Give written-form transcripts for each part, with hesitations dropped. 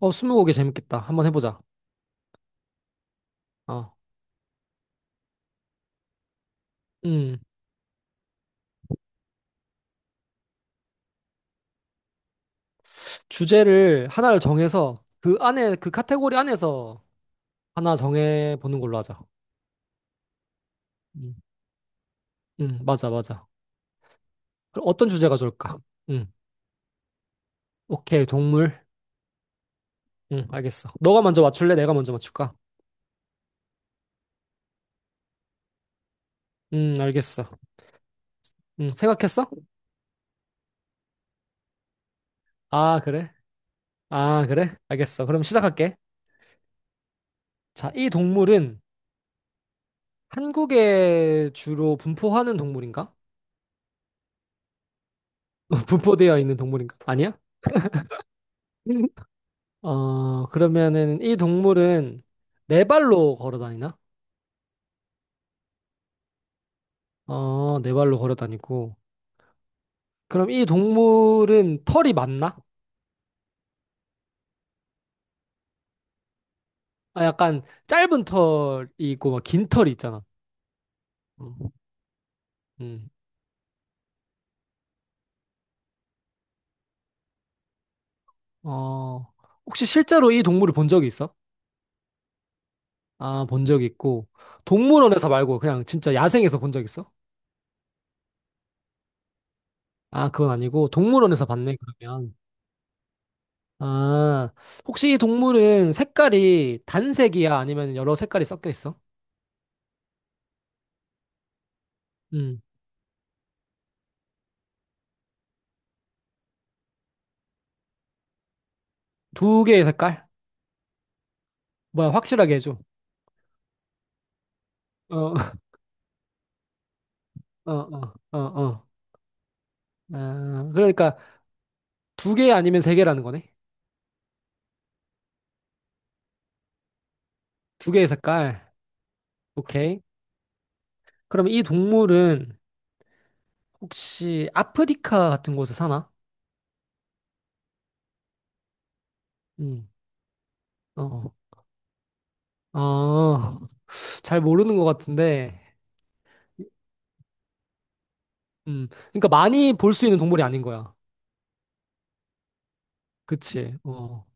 어, 스무고개 재밌겠다. 한번 해보자. 어, 음, 주제를 하나를 정해서 그 안에, 그 카테고리 안에서 하나 정해보는 걸로 하자. 음, 맞아, 맞아. 그럼 어떤 주제가 좋을까? 음, 오케이, 동물. 알겠어. 너가 먼저 맞출래? 내가 먼저 맞출까? 알겠어. 생각했어? 아, 그래? 아, 그래? 알겠어. 그럼 시작할게. 자, 이 동물은 한국에 주로 분포하는 동물인가? 분포되어 있는 동물인가? 아니야? 어, 그러면은 이 동물은 네 발로 걸어 다니나? 어, 네 발로 걸어 다니고. 그럼 이 동물은 털이 많나? 아, 약간 짧은 털이 있고 막 긴 털이 있잖아. 음. 음. 어, 혹시 실제로 이 동물을 본 적이 있어? 아, 본 적이 있고. 동물원에서 말고 그냥 진짜 야생에서 본 적 있어? 아, 그건 아니고 동물원에서 봤네, 그러면. 아, 혹시 이 동물은 색깔이 단색이야? 아니면 여러 색깔이 섞여 있어? 음. 두 개의 색깔? 뭐야, 확실하게 해줘. 어, 어, 어, 어, 어. 아, 그러니까 두 개 아니면 세 개라는 거네. 두 개의 색깔. 오케이. 그럼 이 동물은 혹시 아프리카 같은 곳에 사나? 음, 어, 어, 어, 잘 모르는 것 같은데. 그러니까 많이 볼 수 있는 동물이 아닌 거야. 그치. 어,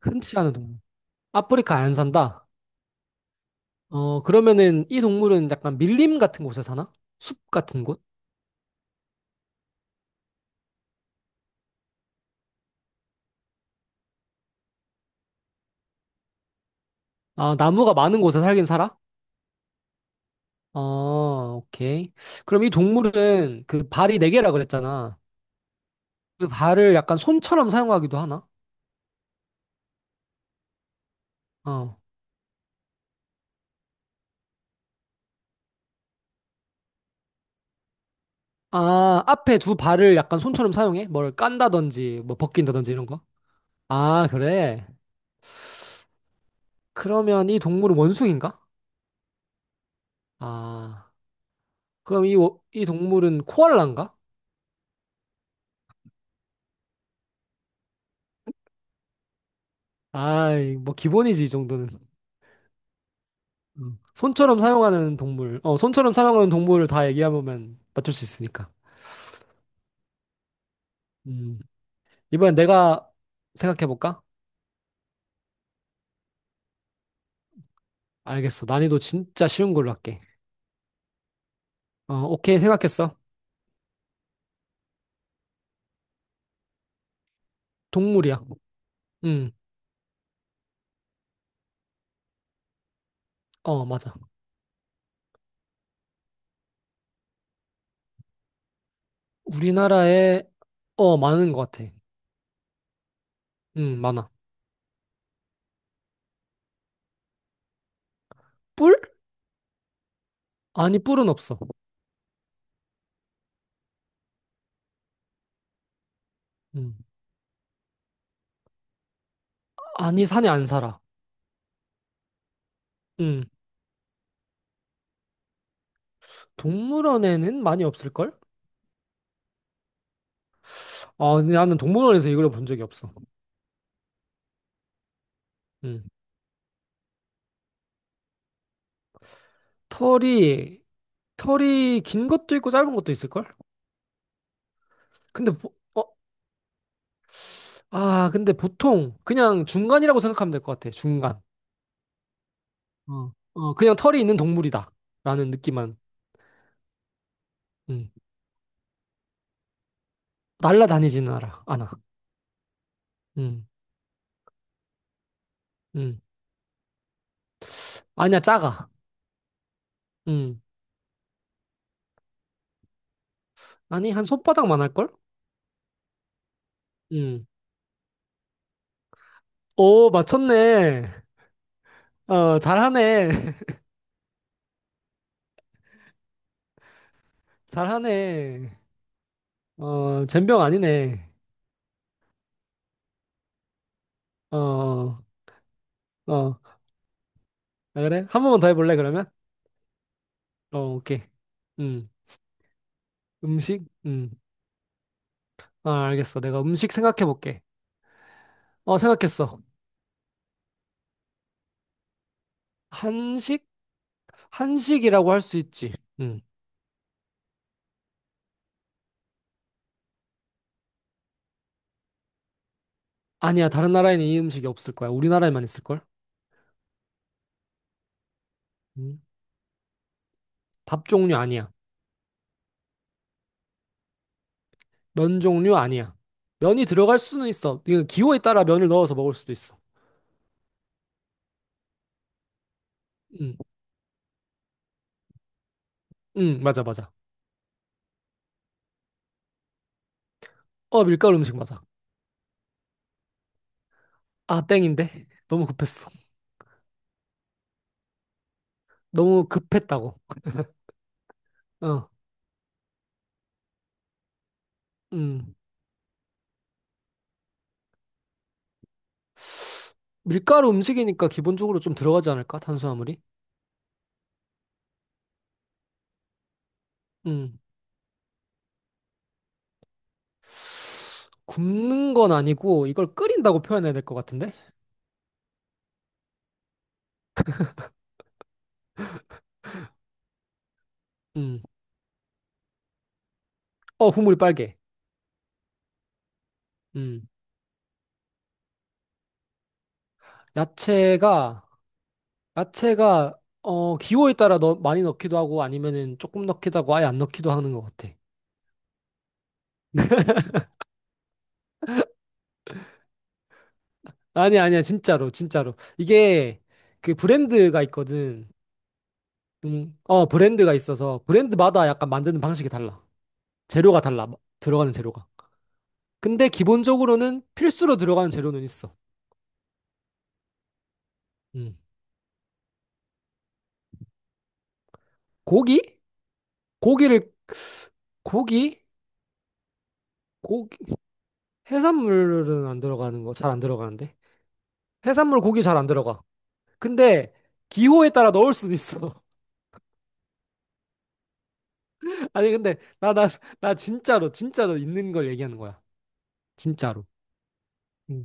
흔치 않은 동물. 아프리카 안 산다. 어, 그러면은 이 동물은 약간 밀림 같은 곳에 사나? 숲 같은 곳? 아, 나무가 많은 곳에 살긴 살아? 어 오케이. 그럼 이 동물은 그 발이 네 개라 그랬잖아. 그 발을 약간 손처럼 사용하기도 하나? 어. 아, 앞에 두 발을 약간 손처럼 사용해? 뭘 깐다든지, 뭐 벗긴다든지 이런 거? 아, 그래. 그러면 이 동물은 원숭인가? 아, 그럼 이, 이 동물은 코알라인가? 아, 뭐 기본이지, 이 정도는. 음. 손처럼 사용하는 동물, 어, 손처럼 사용하는 동물을 다 얘기해보면 맞출 수 있으니까. 음. 이번엔 내가 생각해볼까? 알겠어. 난이도 진짜 쉬운 걸로 할게. 어, 오케이. 생각했어. 동물이야. 응. 어, 맞아. 우리나라에, 어, 많은 것 같아. 응, 많아. 뿔? 아니, 뿔은 없어. 응. 아니, 산에 안 살아. 응. 동물원에는 많이 없을걸? 아, 근데 나는 동물원에서 이걸 본 적이 없어. 응. 털이, 털이 긴 것도 있고 짧은 것도 있을걸? 근데, 보, 어, 아, 근데 보통 그냥 중간이라고 생각하면 될 것 같아. 중간. 어, 어, 그냥 털이 있는 동물이다. 라는 느낌만. 음. 날라다니지는 않아. 않아. 음. 음. 아니야, 작아. 음. 아니, 한 손바닥만 할걸? 음. 오, 맞췄네. 어, 잘하네. 잘하네. 어, 젬병 아니네. 어, 어. 아, 그래? 한 번만 더 해볼래, 그러면? 어, 오케이. 음. 음식? 음. 아, 알겠어. 내가 음식 생각해볼게. 어, 생각했어. 한식? 한식이라고 할 수 있지. 음. 아니야, 다른 나라에는 이 음식이 없을 거야. 우리나라에만 있을걸? 음. 밥 종류 아니야. 면 종류 아니야. 면이 들어갈 수는 있어. 이거 기호에 따라 면을 넣어서 먹을 수도 있어. 응, 응, 맞아, 맞아. 어, 밀가루 음식 맞아. 아, 땡인데? 너무 급했어. 너무 급했다고. 어, 음. 밀가루 음식이니까 기본적으로 좀 들어가지 않을까? 탄수화물이? 음. 굽는 건 아니고 이걸 끓인다고 표현해야 될 것 같은데? 음. 어, 국물이 빨개. 음. 야채가 야채가 어 기호에 따라 넣, 많이 넣기도 하고 아니면은 조금 넣기도 하고 아예 안 넣기도 하는 것 같아. 아니 아니야 진짜로 진짜로 이게 그 브랜드가 있거든. 어 브랜드가 있어서 브랜드마다 약간 만드는 방식이 달라. 재료가 달라 들어가는 재료가. 근데 기본적으로는 필수로 들어가는 재료는 있어. 음. 고기? 고기를 고기? 고기 해산물은 안 들어가는 거 잘 안 들어가는데 해산물 고기 잘 안 들어가. 근데 기호에 따라 넣을 수도 있어. 아니 근데 나 진짜로 진짜로 있는 걸 얘기하는 거야. 진짜로. 응.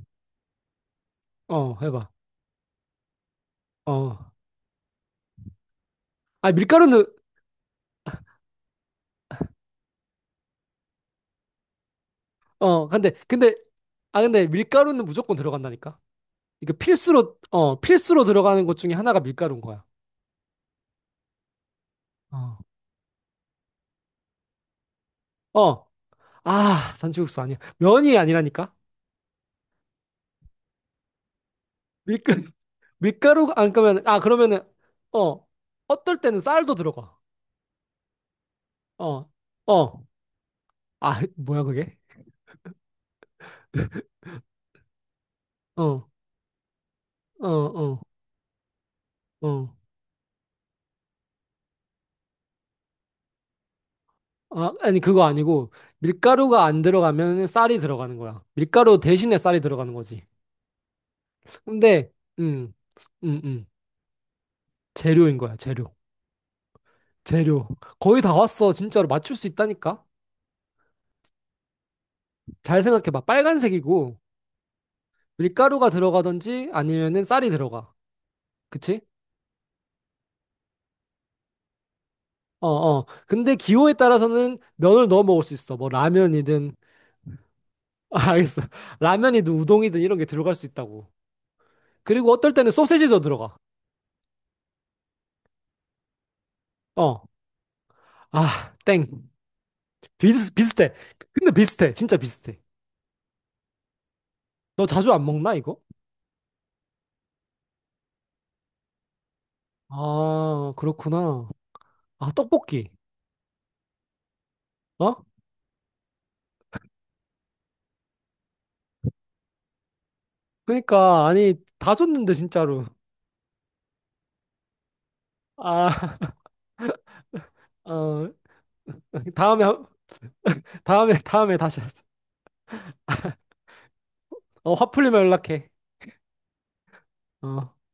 어, 해봐. 어. 아 밀가루는 어 근데 아 근데 밀가루는 무조건 들어간다니까. 이거 필수로 들어가는 것 중에 하나가 밀가루인 거야. 어. 어. 아 잔치국수 아니야. 면이 아니라니까. 밀가 밀가루 안 그러면 아 그러면은 어 어떨 때는 쌀도 들어가. 어. 어. 아 뭐야 그게? 어. 어. 어. 어. 아, 아니 그거 아니고 밀가루가 안 들어가면 쌀이 들어가는 거야. 밀가루 대신에 쌀이 들어가는 거지. 근데 음, 음, 음. 재료인 거야, 재료. 재료. 거의 다 왔어. 진짜로 맞출 수 있다니까. 잘 생각해 봐. 빨간색이고 밀가루가 들어가든지 아니면은 쌀이 들어가. 그치? 어, 어. 근데 기호에 따라서는 면을 넣어 먹을 수 있어. 뭐 라면이든 아, 알겠어. 라면이든 우동이든 이런 게 들어갈 수 있다고. 그리고 어떨 때는 소세지도 들어가. 어. 아, 땡. 비슷해. 근데 비슷해. 진짜 비슷해. 너 자주 안 먹나, 이거? 아, 그렇구나. 아, 떡볶이. 어? 그러니까, 아니, 다 줬는데, 진짜로. 아, 어, 다음에, 다음에, 다음에 다시 하자. 어, 화 풀리면 연락해. 어.